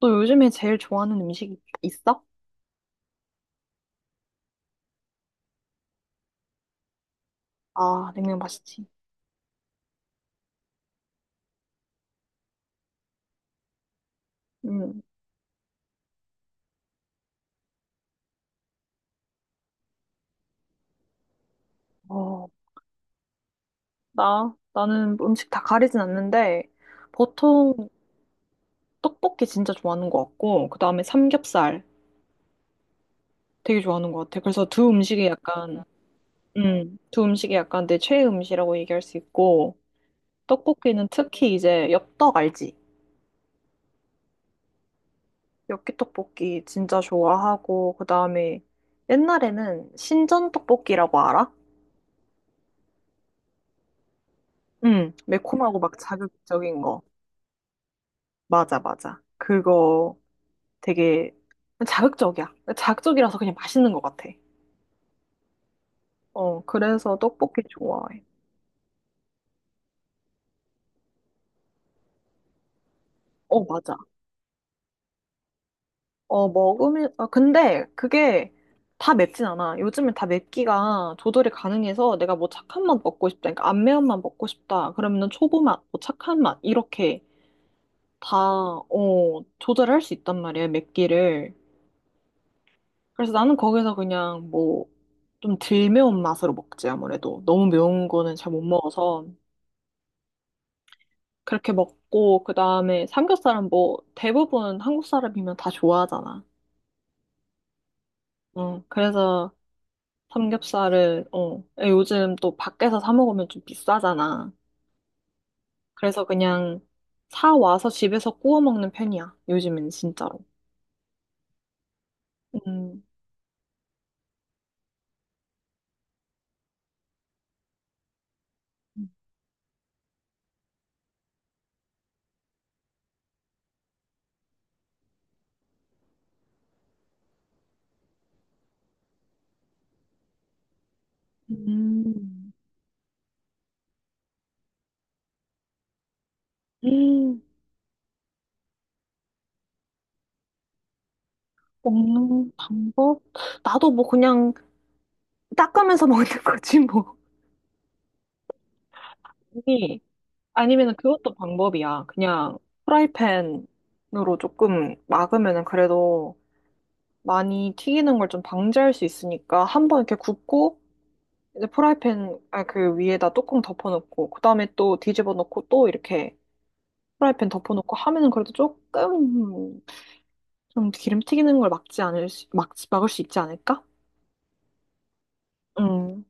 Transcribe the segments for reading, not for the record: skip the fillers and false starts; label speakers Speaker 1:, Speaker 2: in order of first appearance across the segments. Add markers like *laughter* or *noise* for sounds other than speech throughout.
Speaker 1: 너 요즘에 제일 좋아하는 음식 있어? 아, 냉면 맛있지. 음, 어, 나는 음식 다 가리진 않는데, 보통 떡볶이 진짜 좋아하는 것 같고, 그 다음에 삼겹살 되게 좋아하는 것 같아. 그래서 두 음식이 약간, 두 음식이 약간 내 최애 음식이라고 얘기할 수 있고, 떡볶이는 특히 이제 엽떡 알지? 엽기떡볶이 진짜 좋아하고, 그 다음에 옛날에는 신전떡볶이라고 알아? 매콤하고 막 자극적인 거. 맞아, 맞아. 그거 되게 자극적이야. 자극적이라서 그냥 맛있는 것 같아. 어, 그래서 떡볶이 좋아해. 어, 맞아. 어, 먹으면, 아, 근데 그게 다 맵진 않아. 요즘엔 다 맵기가 조절이 가능해서 내가 뭐 착한 맛 먹고 싶다. 그러니까 안 매운 맛 먹고 싶다. 그러면은 초보 맛, 뭐 착한 맛, 이렇게 다, 어, 조절할 수 있단 말이야, 맵기를. 그래서 나는 거기서 그냥 뭐, 좀 덜 매운 맛으로 먹지, 아무래도. 너무 매운 거는 잘 못 먹어서. 그렇게 먹고 그다음에 삼겹살은 뭐 대부분 한국 사람이면 다 좋아하잖아. 응. 그래서 삼겹살을 어 예, 요즘 또 밖에서 사 먹으면 좀 비싸잖아. 그래서 그냥 사 와서 집에서 구워 먹는 편이야. 요즘엔 진짜로. 음. 음. 음. 먹는 방법? 나도 뭐 그냥 닦으면서 *laughs* 먹는 거지 뭐. 이 아니면 그것도 방법이야. 그냥 프라이팬으로 조금 막으면은 그래도 많이 튀기는 걸 좀 방지할 수 있으니까 한번 이렇게 굽고 이제 프라이팬 아, 그 위에다 뚜껑 덮어놓고 그다음에 또 뒤집어 놓고 또 이렇게 프라이팬 덮어놓고 하면은 그래도 조금 좀 기름 튀기는 걸 막지 않을 수, 막, 막을 수 있지 않을까? 음,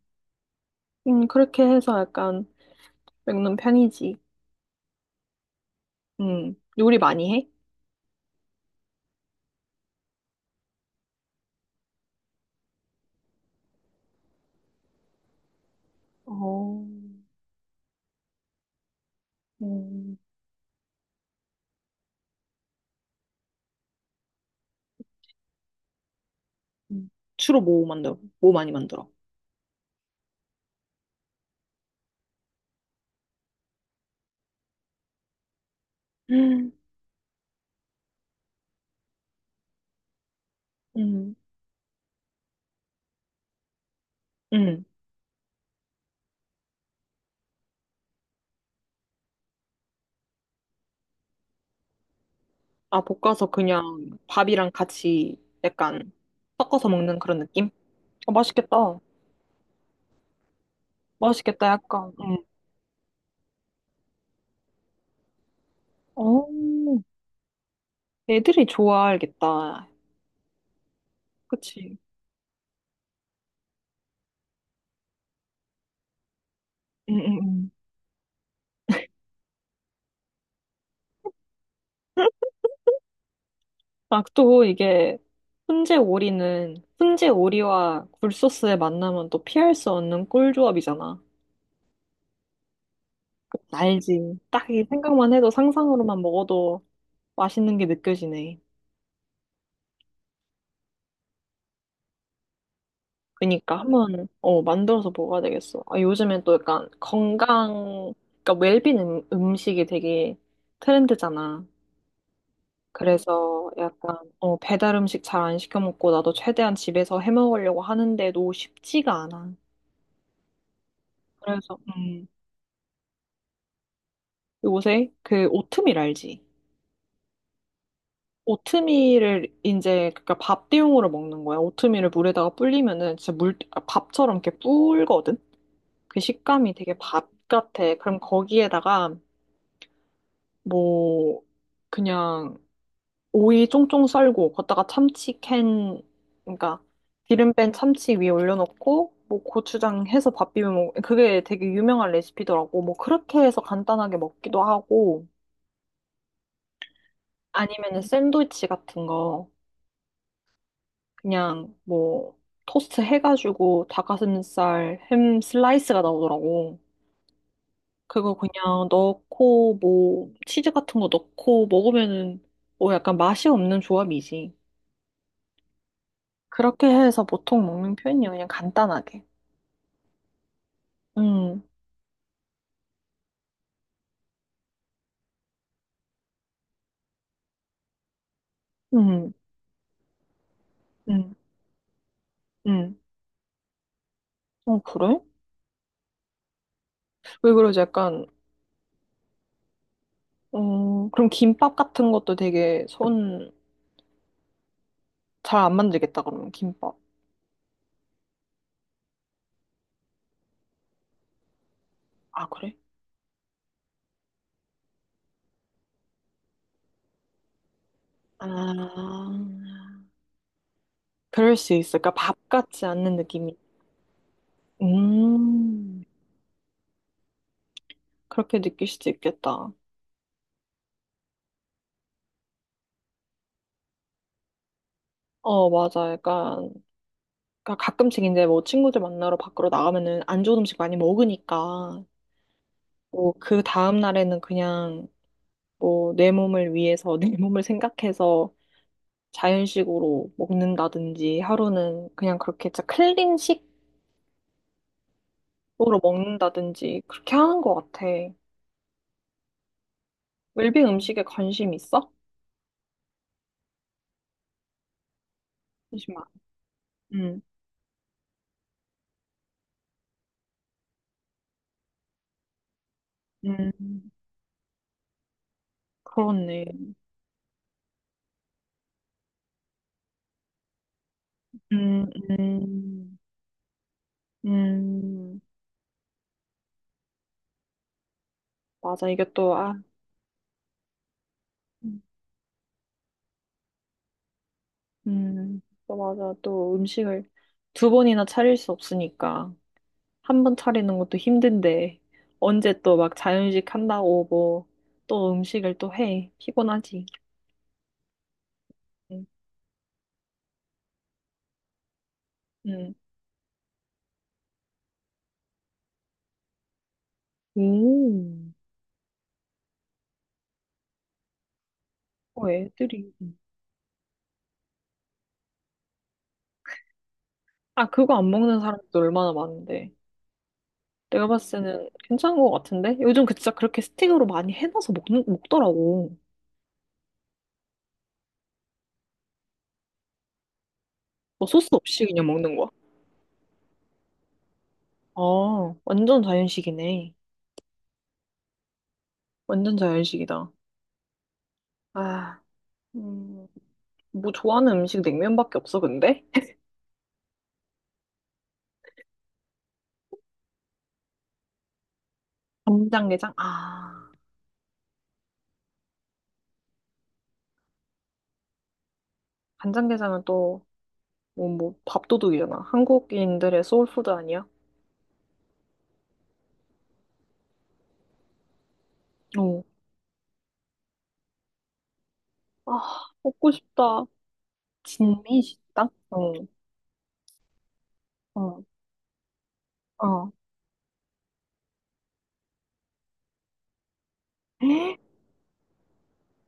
Speaker 1: 그렇게 해서 약간 먹는 편이지. 요리 많이 해? 어, 음. 음. 주로 뭐 만들어? 뭐 많이 만들어? 음, 음, 음. 아, 볶아서 그냥 밥이랑 같이 약간 섞어서 먹는 그런 느낌? 어, 맛있겠다. 맛있겠다, 약간. 음. 어, 애들이 좋아하겠다. 그치? 음, 음, 음. *laughs* 아, 또 이게 훈제 오리는 훈제 오리와 굴소스의 만남은 또 피할 수 없는 꿀조합이잖아. 알지. 딱 이 생각만 해도 상상으로만 먹어도 맛있는 게 느껴지네. 그니까 한번 어 만들어서 먹어야 되겠어. 아 요즘엔 또 약간 건강 그러니까 웰빙 음식이 되게 트렌드잖아. 그래서 약간 어 배달 음식 잘 안 시켜 먹고 나도 최대한 집에서 해 먹으려고 하는데도 쉽지가 않아. 그래서 요새 그 오트밀 알지? 오트밀을 이제 그니까 밥 대용으로 먹는 거야. 오트밀을 물에다가 불리면은 진짜 물 아, 밥처럼 이렇게 불거든. 그 식감이 되게 밥 같아. 그럼 거기에다가 뭐 그냥 오이 쫑쫑 썰고 걷다가 참치 캔 그러니까 기름 뺀 참치 위에 올려놓고 뭐 고추장 해서 밥 비벼 먹 그게 되게 유명한 레시피더라고. 뭐 그렇게 해서 간단하게 먹기도 하고 아니면은 샌드위치 같은 거 그냥 뭐 토스트 해가지고 닭가슴살 햄 슬라이스가 나오더라고. 그거 그냥 넣고 뭐 치즈 같은 거 넣고 먹으면은 뭐 약간 맛이 없는 조합이지. 그렇게 해서 보통 먹는 편이에요. 그냥 간단하게. 음, 음, 음, 음. 어, 그래? 왜 그러지? 약간, 어, 그럼 김밥 같은 것도 되게 손 잘 안 만들겠다, 그러면 김밥. 아, 그래? 아, 그럴 수 있어. 그러니까 밥 같지 않는 느낌이. 음, 그렇게 느낄 수도 있겠다. 어, 맞아. 약간, 그러니까 가끔씩 이제 뭐 친구들 만나러 밖으로 나가면은 안 좋은 음식 많이 먹으니까, 뭐 그 다음날에는 그냥 뭐 내 몸을 위해서 내 *laughs* 몸을 생각해서 자연식으로 먹는다든지 하루는 그냥 그렇게 진짜 클린식으로 먹는다든지 그렇게 하는 것 같아. 웰빙 음식에 관심 있어? 잠시만. 음, 음, 그렇네. 음, 음, 음, 맞아. 이게 또, 아, 음, 음. 또 맞아. 또 음식을 두 번이나 차릴 수 없으니까. 한 번 차리는 것도 힘든데 언제 또 막 자연식 한다고 뭐 또 음식을 또 해. 피곤하지. 응. 응. 오. 어, 애들이. 아, 그거 안 먹는 사람도 얼마나 많은데. 내가 봤을 때는 괜찮은 것 같은데? 요즘 그 진짜 그렇게 스틱으로 많이 해놔서 먹더라고. 뭐 소스 없이 그냥 먹는 거야. 아, 완전 자연식이네. 완전 자연식이다. 아, 음, 뭐 좋아하는 음식 냉면밖에 없어, 근데? *laughs* 간장게장? 아, 간장게장은 또 어, 뭐 밥도둑이잖아. 한국인들의 소울푸드 아니야? 어, 아, 먹고 싶다. 진미 식당? 어, 어. 어. 에?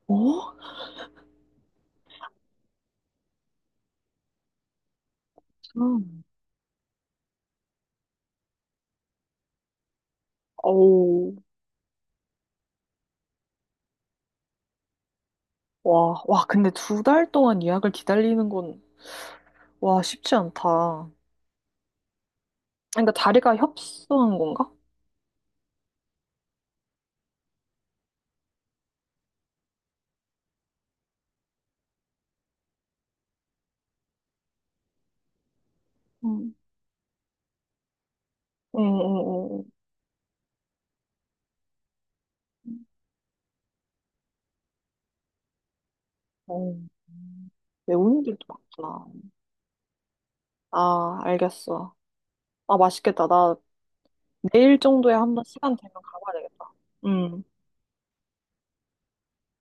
Speaker 1: 어? 참. 어우, 와, 와, 근데 두 달 동안 예약을 기다리는 건, 와, 쉽지 않다. 그러니까 자리가 협소한 건가? 응. 응, 응, 응. 어, 매운이들도 많구나. 아, 알겠어. 아, 맛있겠다. 나 내일 정도에 한번 시간 되면 가봐야 되겠다. 응,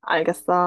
Speaker 1: 알겠어.